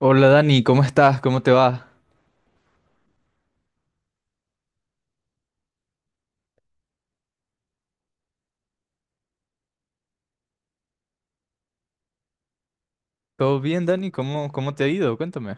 Hola Dani, ¿cómo estás? ¿Cómo te va? ¿Todo bien, Dani? ¿Cómo te ha ido? Cuéntame.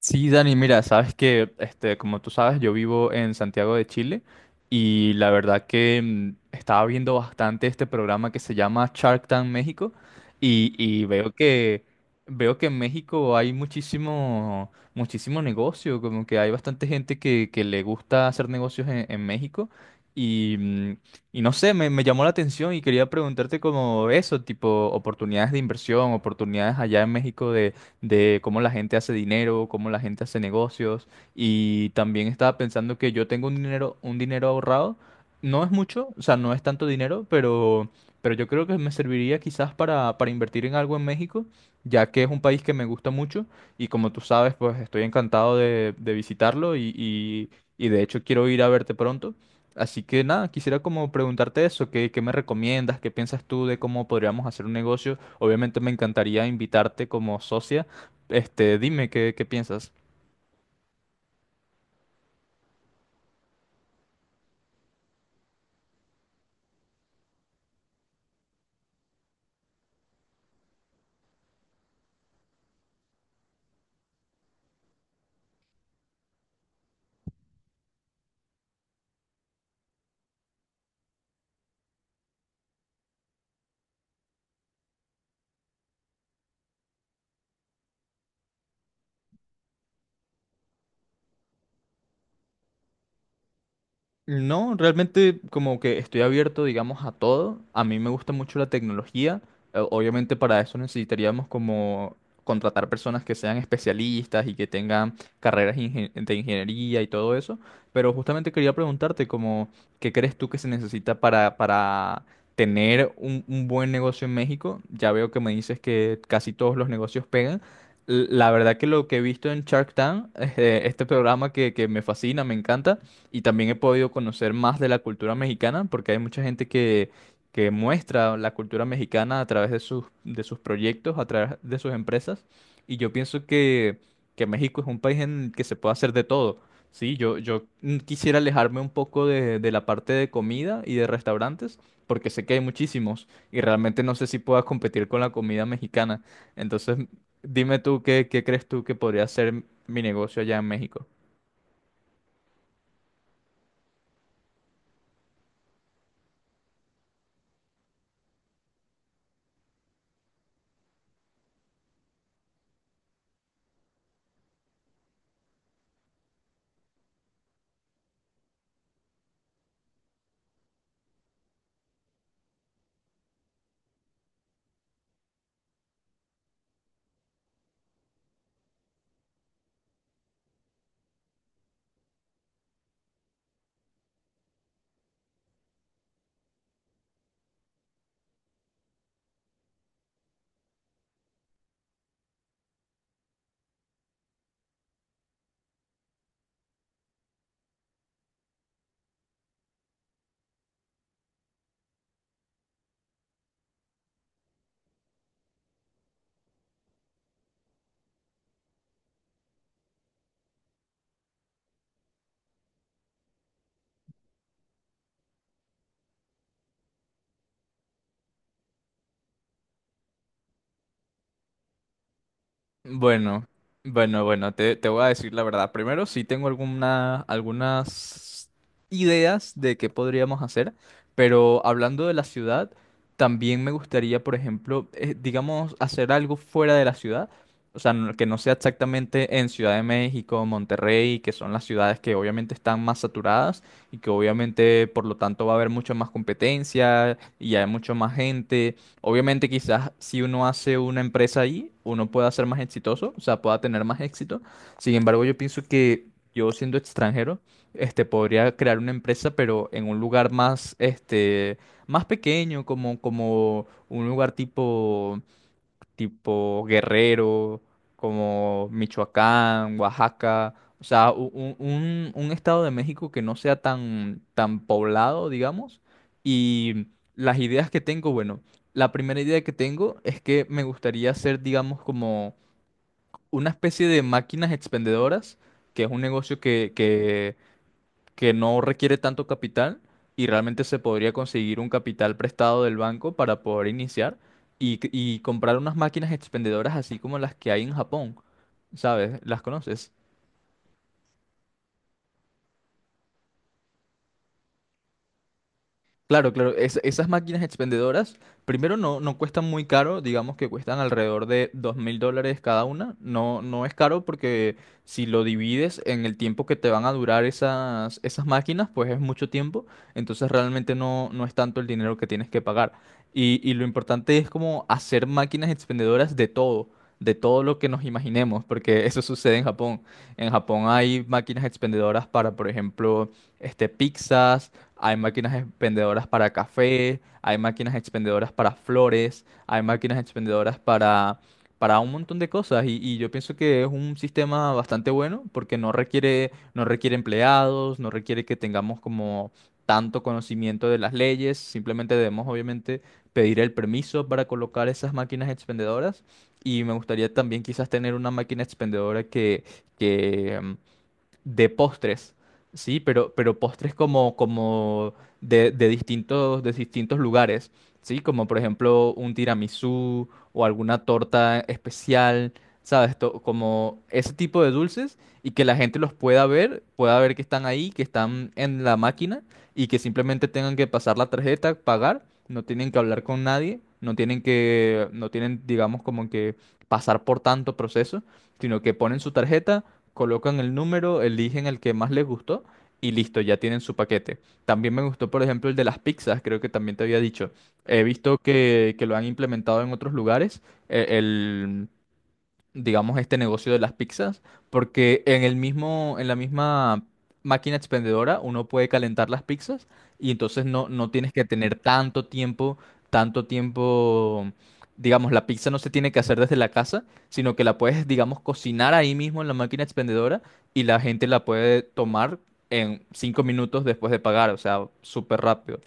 Sí, Dani, mira, sabes que, como tú sabes, yo vivo en Santiago de Chile y la verdad que estaba viendo bastante este programa que se llama Shark Tank México y veo que en México hay muchísimo muchísimo negocio, como que hay bastante gente que le gusta hacer negocios en México y y no sé, me llamó la atención y quería preguntarte como eso, tipo oportunidades de inversión, oportunidades allá en México de cómo la gente hace dinero, cómo la gente hace negocios. Y también estaba pensando que yo tengo un dinero ahorrado. No es mucho, o sea, no es tanto dinero, pero yo creo que me serviría quizás para invertir en algo en México, ya que es un país que me gusta mucho y como tú sabes, pues estoy encantado de visitarlo y de hecho quiero ir a verte pronto. Así que nada, quisiera como preguntarte eso, ¿qué me recomiendas? ¿Qué piensas tú de cómo podríamos hacer un negocio? Obviamente me encantaría invitarte como socia, dime qué piensas. No, realmente como que estoy abierto, digamos, a todo. A mí me gusta mucho la tecnología. Obviamente para eso necesitaríamos como contratar personas que sean especialistas y que tengan carreras de ingeniería y todo eso. Pero justamente quería preguntarte como, ¿qué crees tú que se necesita para tener un buen negocio en México? Ya veo que me dices que casi todos los negocios pegan. La verdad que lo que he visto en Shark Tank, este programa que me fascina, me encanta, y también he podido conocer más de la cultura mexicana porque hay mucha gente que muestra la cultura mexicana a través de sus proyectos, a través de sus empresas. Y yo pienso que México es un país en el que se puede hacer de todo. Sí, yo quisiera alejarme un poco de la parte de comida y de restaurantes, porque sé que hay muchísimos y realmente no sé si pueda competir con la comida mexicana. Entonces, dime tú qué, qué crees tú que podría ser mi negocio allá en México. Bueno, bueno, te voy a decir la verdad. Primero, sí tengo alguna, algunas ideas de qué podríamos hacer, pero hablando de la ciudad, también me gustaría, por ejemplo, digamos, hacer algo fuera de la ciudad, o sea, que no sea exactamente en Ciudad de México, Monterrey, que son las ciudades que obviamente están más saturadas y que obviamente, por lo tanto, va a haber mucha más competencia y hay mucha más gente. Obviamente quizás si uno hace una empresa ahí, uno pueda ser más exitoso, o sea, pueda tener más éxito. Sin embargo, yo pienso que yo siendo extranjero, podría crear una empresa, pero en un lugar más, más pequeño, como, como un lugar tipo tipo Guerrero, como Michoacán, Oaxaca, o sea, un estado de México que no sea tan poblado, digamos. Y las ideas que tengo, bueno, la primera idea que tengo es que me gustaría hacer, digamos, como una especie de máquinas expendedoras, que es un negocio que no requiere tanto capital y realmente se podría conseguir un capital prestado del banco para poder iniciar y comprar unas máquinas expendedoras así como las que hay en Japón, ¿sabes? ¿Las conoces? Claro, claro. Esas máquinas expendedoras, primero no, no cuestan muy caro, digamos que cuestan alrededor de $2,000 cada una. No, no es caro porque si lo divides en el tiempo que te van a durar esas, esas máquinas, pues es mucho tiempo. Entonces realmente no, no es tanto el dinero que tienes que pagar. Y lo importante es como hacer máquinas expendedoras de todo lo que nos imaginemos, porque eso sucede en Japón. En Japón hay máquinas expendedoras para, por ejemplo, pizzas, hay máquinas expendedoras para café, hay máquinas expendedoras para flores, hay máquinas expendedoras para un montón de cosas. Y yo pienso que es un sistema bastante bueno porque no requiere, no requiere empleados, no requiere que tengamos como tanto conocimiento de las leyes, simplemente debemos obviamente pedir el permiso para colocar esas máquinas expendedoras. Y me gustaría también quizás tener una máquina expendedora que, de postres, ¿sí? Pero postres como, como de distintos, de distintos lugares, ¿sí? Como por ejemplo un tiramisú o alguna torta especial, ¿sabes? Como ese tipo de dulces y que la gente los pueda ver que están ahí, que están en la máquina y que simplemente tengan que pasar la tarjeta, pagar, no tienen que hablar con nadie. No tienen que, no tienen, digamos, como que pasar por tanto proceso, sino que ponen su tarjeta, colocan el número, eligen el que más les gustó y listo, ya tienen su paquete. También me gustó, por ejemplo, el de las pizzas, creo que también te había dicho. He visto que lo han implementado en otros lugares. El, digamos, este negocio de las pizzas, porque en el mismo, en la misma máquina expendedora uno puede calentar las pizzas y entonces no, no tienes que tener tanto tiempo, digamos, la pizza no se tiene que hacer desde la casa, sino que la puedes, digamos, cocinar ahí mismo en la máquina expendedora y la gente la puede tomar en 5 minutos después de pagar, o sea, súper rápido.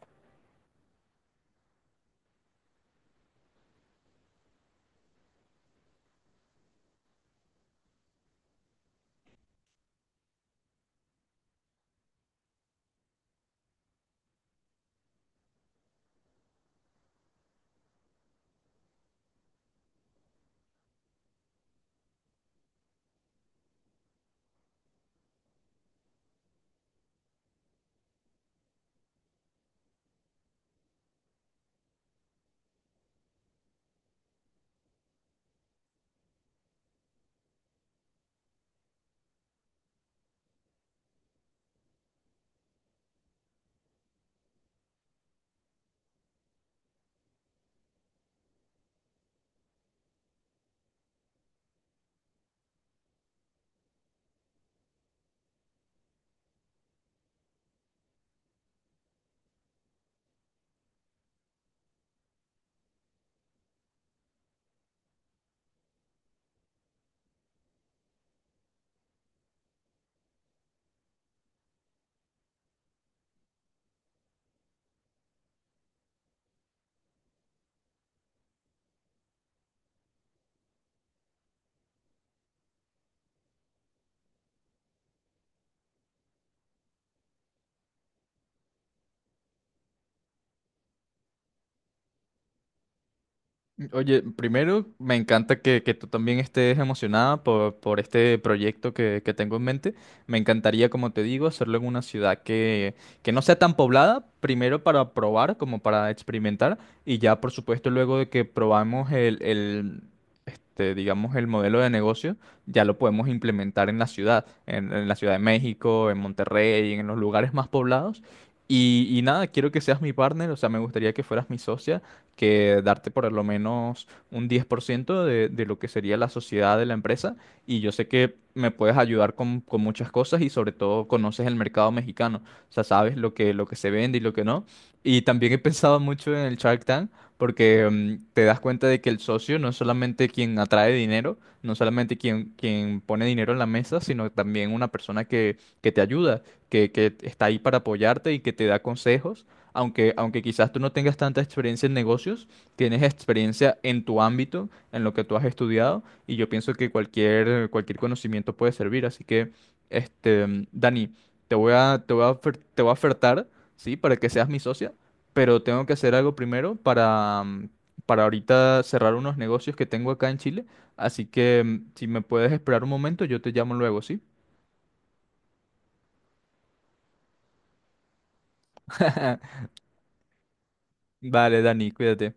Oye, primero me encanta que tú también estés emocionada por este proyecto que tengo en mente. Me encantaría, como te digo, hacerlo en una ciudad que no sea tan poblada, primero para probar, como para experimentar, y ya, por supuesto, luego de que probamos el, digamos, el modelo de negocio, ya lo podemos implementar en la ciudad, en la Ciudad de México, en Monterrey, en los lugares más poblados. Y nada, quiero que seas mi partner, o sea, me gustaría que fueras mi socia, que darte por lo menos un 10% de lo que sería la sociedad de la empresa. Y yo sé que me puedes ayudar con muchas cosas y sobre todo conoces el mercado mexicano. O sea, sabes lo que se vende y lo que no. Y también he pensado mucho en el Shark Tank porque te das cuenta de que el socio no es solamente quien atrae dinero, no solamente quien, quien pone dinero en la mesa, sino también una persona que te ayuda, que está ahí para apoyarte y que te da consejos aunque, aunque quizás tú no tengas tanta experiencia en negocios, tienes experiencia en tu ámbito, en lo que tú has estudiado, y yo pienso que cualquier, cualquier conocimiento puede servir. Así que, Dani, te voy a ofertar, ¿sí? Para que seas mi socia, pero tengo que hacer algo primero para para ahorita cerrar unos negocios que tengo acá en Chile. Así que, si me puedes esperar un momento, yo te llamo luego, ¿sí? Vale, Dani, cuídate.